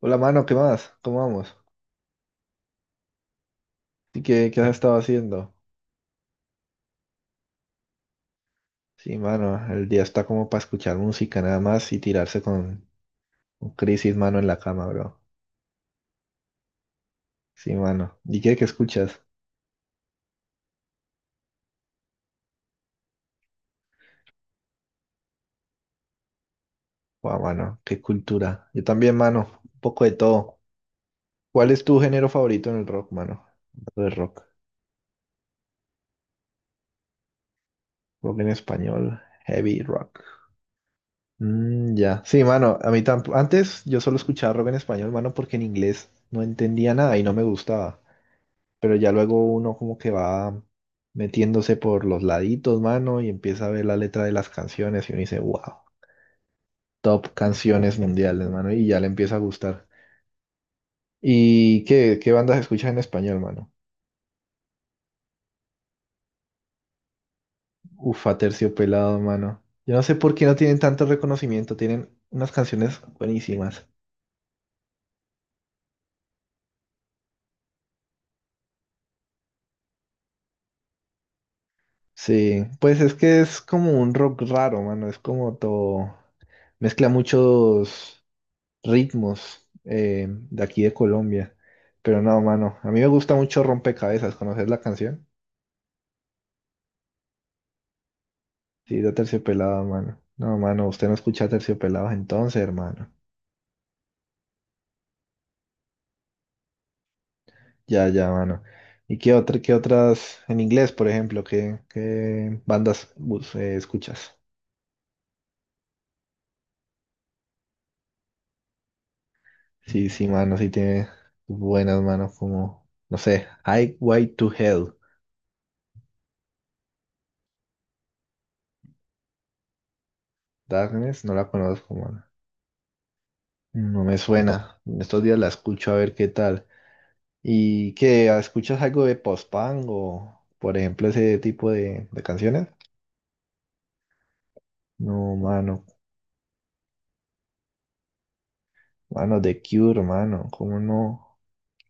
Hola, mano, ¿qué más? ¿Cómo vamos? ¿Y qué has estado haciendo? Sí, mano, el día está como para escuchar música nada más y tirarse con crisis, mano, en la cama, bro. Sí, mano. ¿Y qué escuchas? Guau, mano, qué cultura. Yo también, mano, un poco de todo. ¿Cuál es tu género favorito en el rock, mano? Hablando de rock. Rock en español, heavy rock. Mm, ya. Sí, mano, a mí tampoco. Antes yo solo escuchaba rock en español, mano, porque en inglés no entendía nada y no me gustaba, pero ya luego uno como que va metiéndose por los laditos, mano, y empieza a ver la letra de las canciones y uno dice, wow, top canciones mundiales, mano, y ya le empieza a gustar. ¿Y qué bandas escuchas en español, mano? Ufa, Terciopelado, mano. Yo no sé por qué no tienen tanto reconocimiento, tienen unas canciones buenísimas. Sí, pues es que es como un rock raro, mano, es como todo, mezcla muchos ritmos de aquí de Colombia. Pero no, mano, a mí me gusta mucho Rompecabezas, ¿conoces la canción? Sí, de Terciopelado, mano. No, mano, usted no escucha Terciopelados entonces, hermano. Ya, ya, mano. ¿Y qué otra, qué otras en inglés, por ejemplo, qué escuchas? Sí, sí, mano, sí tiene buenas manos como, no sé, Highway to Hell. Darkness, no la conozco, mano. No me suena. En estos días la escucho a ver qué tal. ¿Y qué? ¿Escuchas algo de post-punk o, por ejemplo, ese tipo de canciones? No, mano. Mano, The Cure, mano. ¿Cómo no?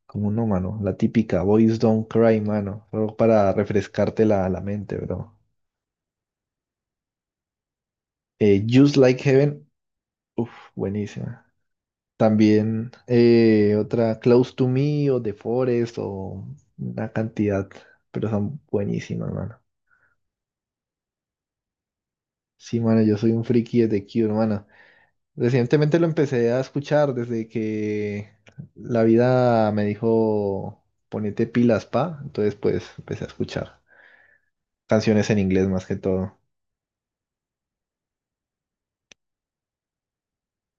¿Cómo no, mano? La típica Boys Don't Cry, mano. Solo para refrescarte la mente, bro. Just Like Heaven. Uff, buenísima. También otra Close to Me o The Forest o una cantidad, pero son buenísimas, mano. Sí, mano, yo soy un friki de The Cure, mano. Recientemente lo empecé a escuchar desde que la vida me dijo ponete pilas, pa. Entonces, pues empecé a escuchar canciones en inglés más que todo.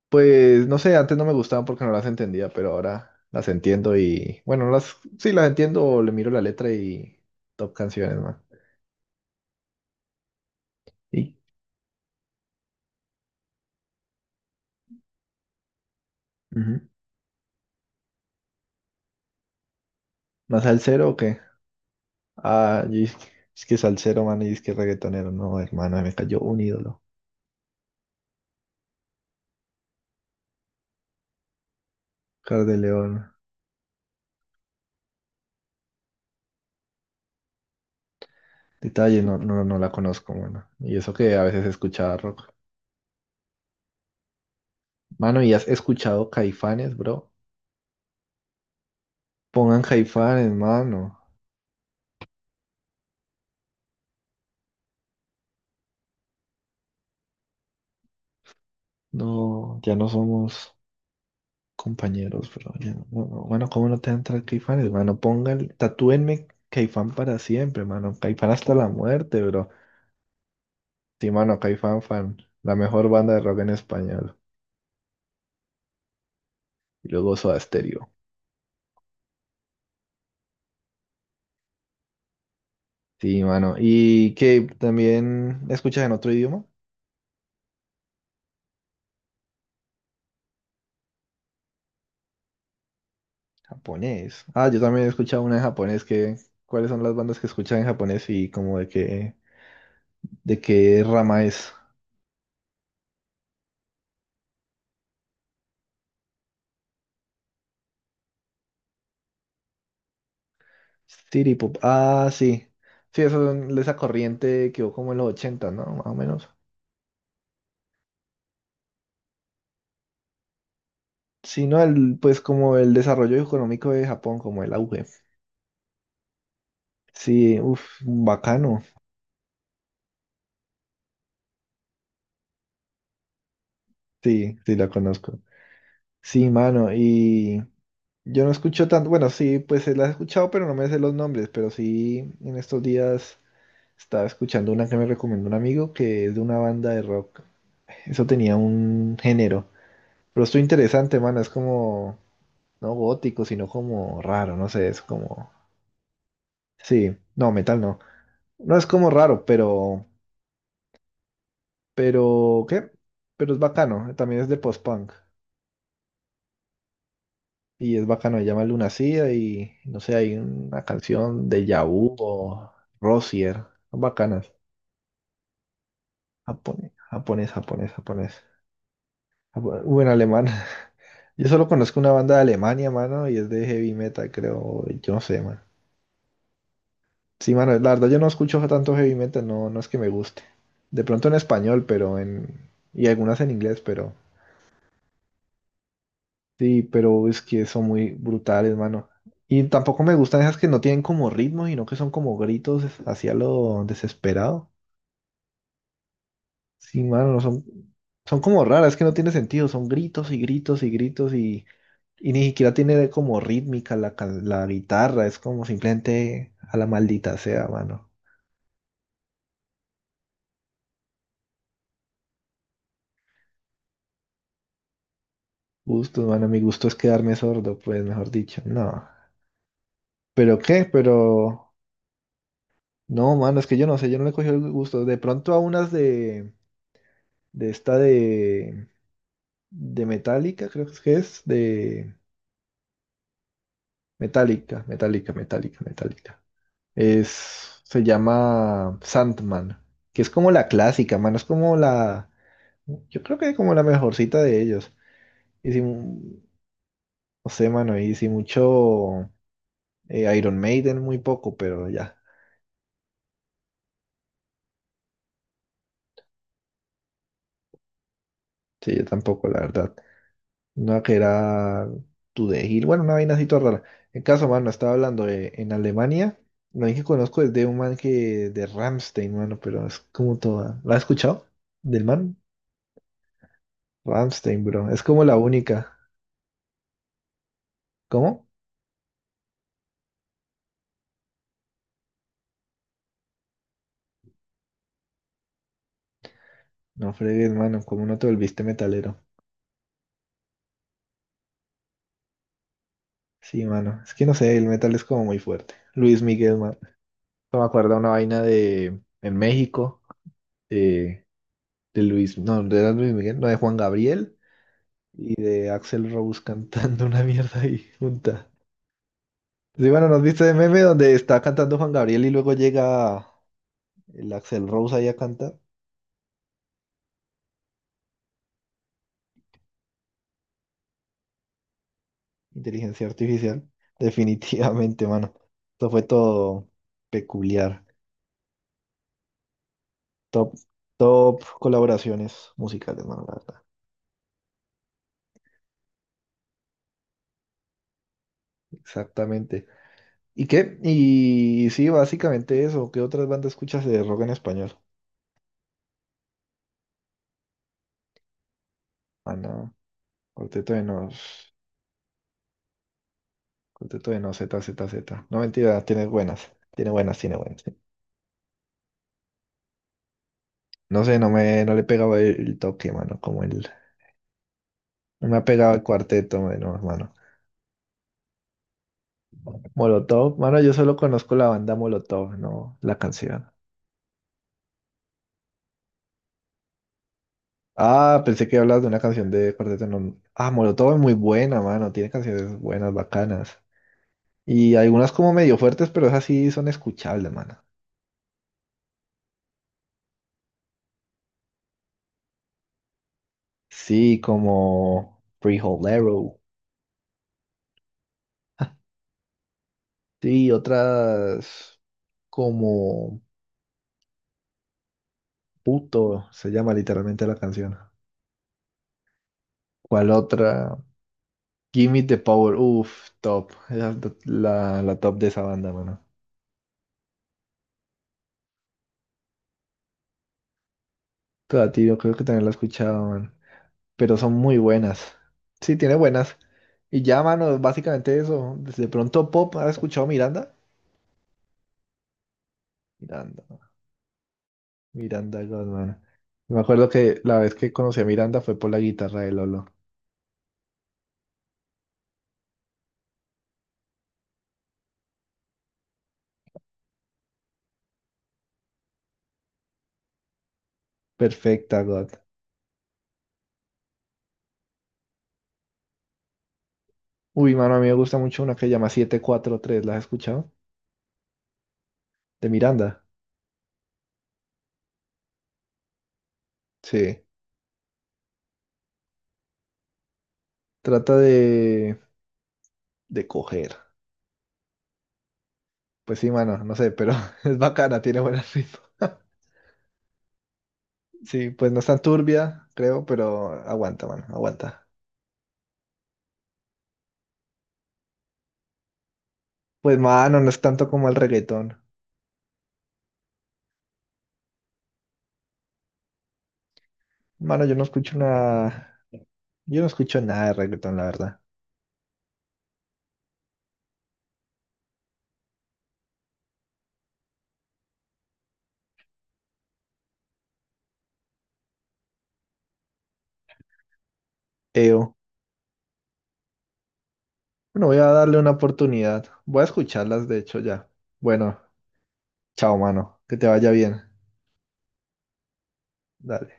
Pues no sé, antes no me gustaban porque no las entendía, pero ahora las entiendo y bueno, no las sí las entiendo, o le miro la letra y top canciones, man. ¿Y? Ujú. ¿Más salsero o qué? Ah, y es que salsero, man, y es que reggaetonero, no, hermano, me cayó un ídolo. Oscar de León. Detalle, no, no, no la conozco, mano. Y eso que a veces escuchaba rock. Mano, ¿y has escuchado Caifanes, bro? Pongan Caifanes, mano. No, ya no somos compañeros, bro. Ya no. Bueno, ¿cómo no te entra Caifanes, mano? Pongan, tatúenme Caifán para siempre, mano. Caifán hasta la muerte, bro. Sí, mano, Caifán fan. La mejor banda de rock en español. Y luego Soda Stereo. Sí, mano. ¿Y qué también escuchas en otro idioma? Japonés. Ah, yo también he escuchado una en japonés que... ¿Cuáles son las bandas que escuchan en japonés y como de qué rama es? City Pop. Ah, sí. Sí, eso, esa corriente quedó como en los 80, ¿no? Más o menos. Sí, ¿no? El, pues como el desarrollo económico de Japón, como el auge. Sí, uff, bacano. Sí, sí, la conozco. Sí, mano, y yo no escucho tanto, bueno, sí, pues la he escuchado, pero no me sé los nombres, pero sí, en estos días... Estaba escuchando una que me recomendó un amigo que es de una banda de rock. Eso tenía un género. Pero esto interesante, mano. Es como, no gótico, sino como raro. No sé, es como... Sí, no, metal no. No es como raro, pero... Pero, ¿qué? Pero es bacano. También es de post-punk. Y es bacano. Se llama Lunacida y, no sé, hay una canción de Yahoo o Rosier. Son bacanas. Japonés, japonés, japonés, japonés. O en alemán. Yo solo conozco una banda de Alemania, mano, y es de heavy metal, creo. Yo no sé, mano. Sí, mano, la verdad yo no escucho tanto heavy metal, no, no es que me guste. De pronto en español, pero en... Y algunas en inglés, pero... Sí, pero es que son muy brutales, mano. Y tampoco me gustan esas que no tienen como ritmo, sino que son como gritos hacia lo desesperado. Sí, mano, no son, son como raras, es que no tiene sentido, son gritos y gritos y gritos y ni siquiera tiene como rítmica la guitarra, es como simplemente a la maldita sea, mano. Gusto, mano, mi gusto es quedarme sordo, pues mejor dicho, no. ¿Pero qué? Pero no, mano, es que yo no sé, yo no le cogí el gusto. De pronto a unas de de Metallica, creo que es, de Metallica. Es, se llama Sandman, que es como la clásica, mano. Es como la, yo creo que es como la mejorcita de ellos. Y no sé, mano, y si mucho Iron Maiden, muy poco, pero ya. Sí, yo tampoco, la verdad. Una que era To The Hill, bueno, una vaina así toda rara. En caso, mano, estaba en Alemania. Lo único que conozco es de un man que, de Rammstein, mano, pero es como toda. ¿La has escuchado? ¿Del man? Rammstein, bro. Es como la única. ¿Cómo? No fregues, mano, como no te volviste metalero. Sí, mano, es que no sé, el metal es como muy fuerte. Luis Miguel, mano. No me acuerdo una vaina de en México, de, no, de era Luis Miguel, no, de Juan Gabriel y de Axel Rose cantando una mierda ahí junta. Sí, bueno, ¿nos viste de meme donde está cantando Juan Gabriel y luego llega el Axel Rose ahí a cantar? Inteligencia artificial. Definitivamente, mano. Esto fue todo peculiar. Top, top colaboraciones musicales, mano, la verdad. Exactamente. ¿Y qué? Y sí, básicamente eso. ¿Qué otras bandas escuchas de rock en español? Ah, no. Cuarteto de Nos. Cuarteto de Nos, Z, Z, Z. No, mentira, tiene buenas. Tiene buenas, tiene buenas. No sé, no me, no le pegaba el toque, mano, como el. No me ha pegado el cuarteto, mano, mano. Molotov, mano, yo solo conozco la banda Molotov, no la canción. Ah, pensé que hablas de una canción de Cuarteto no... Ah, Molotov es muy buena, mano. Tiene canciones buenas, bacanas. Y algunas como medio fuertes, pero esas sí son escuchables, mano. Sí, como Arrow. Sí, otras como Puto, se llama literalmente la canción. ¿Cuál otra? Give me the Power. Uf, top. Esa es la top de esa banda, mano. Toda, tío, creo que también la he escuchado, mano, pero son muy buenas. Sí, tiene buenas. Y ya, mano, básicamente eso. De pronto Pop, ¿has escuchado Miranda? Miranda, Miranda Godman. Me acuerdo que la vez que conocí a Miranda fue por la guitarra de Lolo. Perfecta, God. Uy, mano, a mí me gusta mucho una que se llama 7 4 3, ¿la has escuchado? De Miranda. Sí. Trata de coger. Pues sí, mano, no sé, pero es bacana, tiene buen ritmo. Sí, pues no es tan turbia, creo, pero aguanta, mano, aguanta. Pues mano, no es tanto como el reggaetón. Mano, yo no escucho nada, yo no escucho nada de reggaetón, la verdad. Eo. Bueno, voy a darle una oportunidad. Voy a escucharlas, de hecho, ya. Bueno, chao, mano. Que te vaya bien. Dale.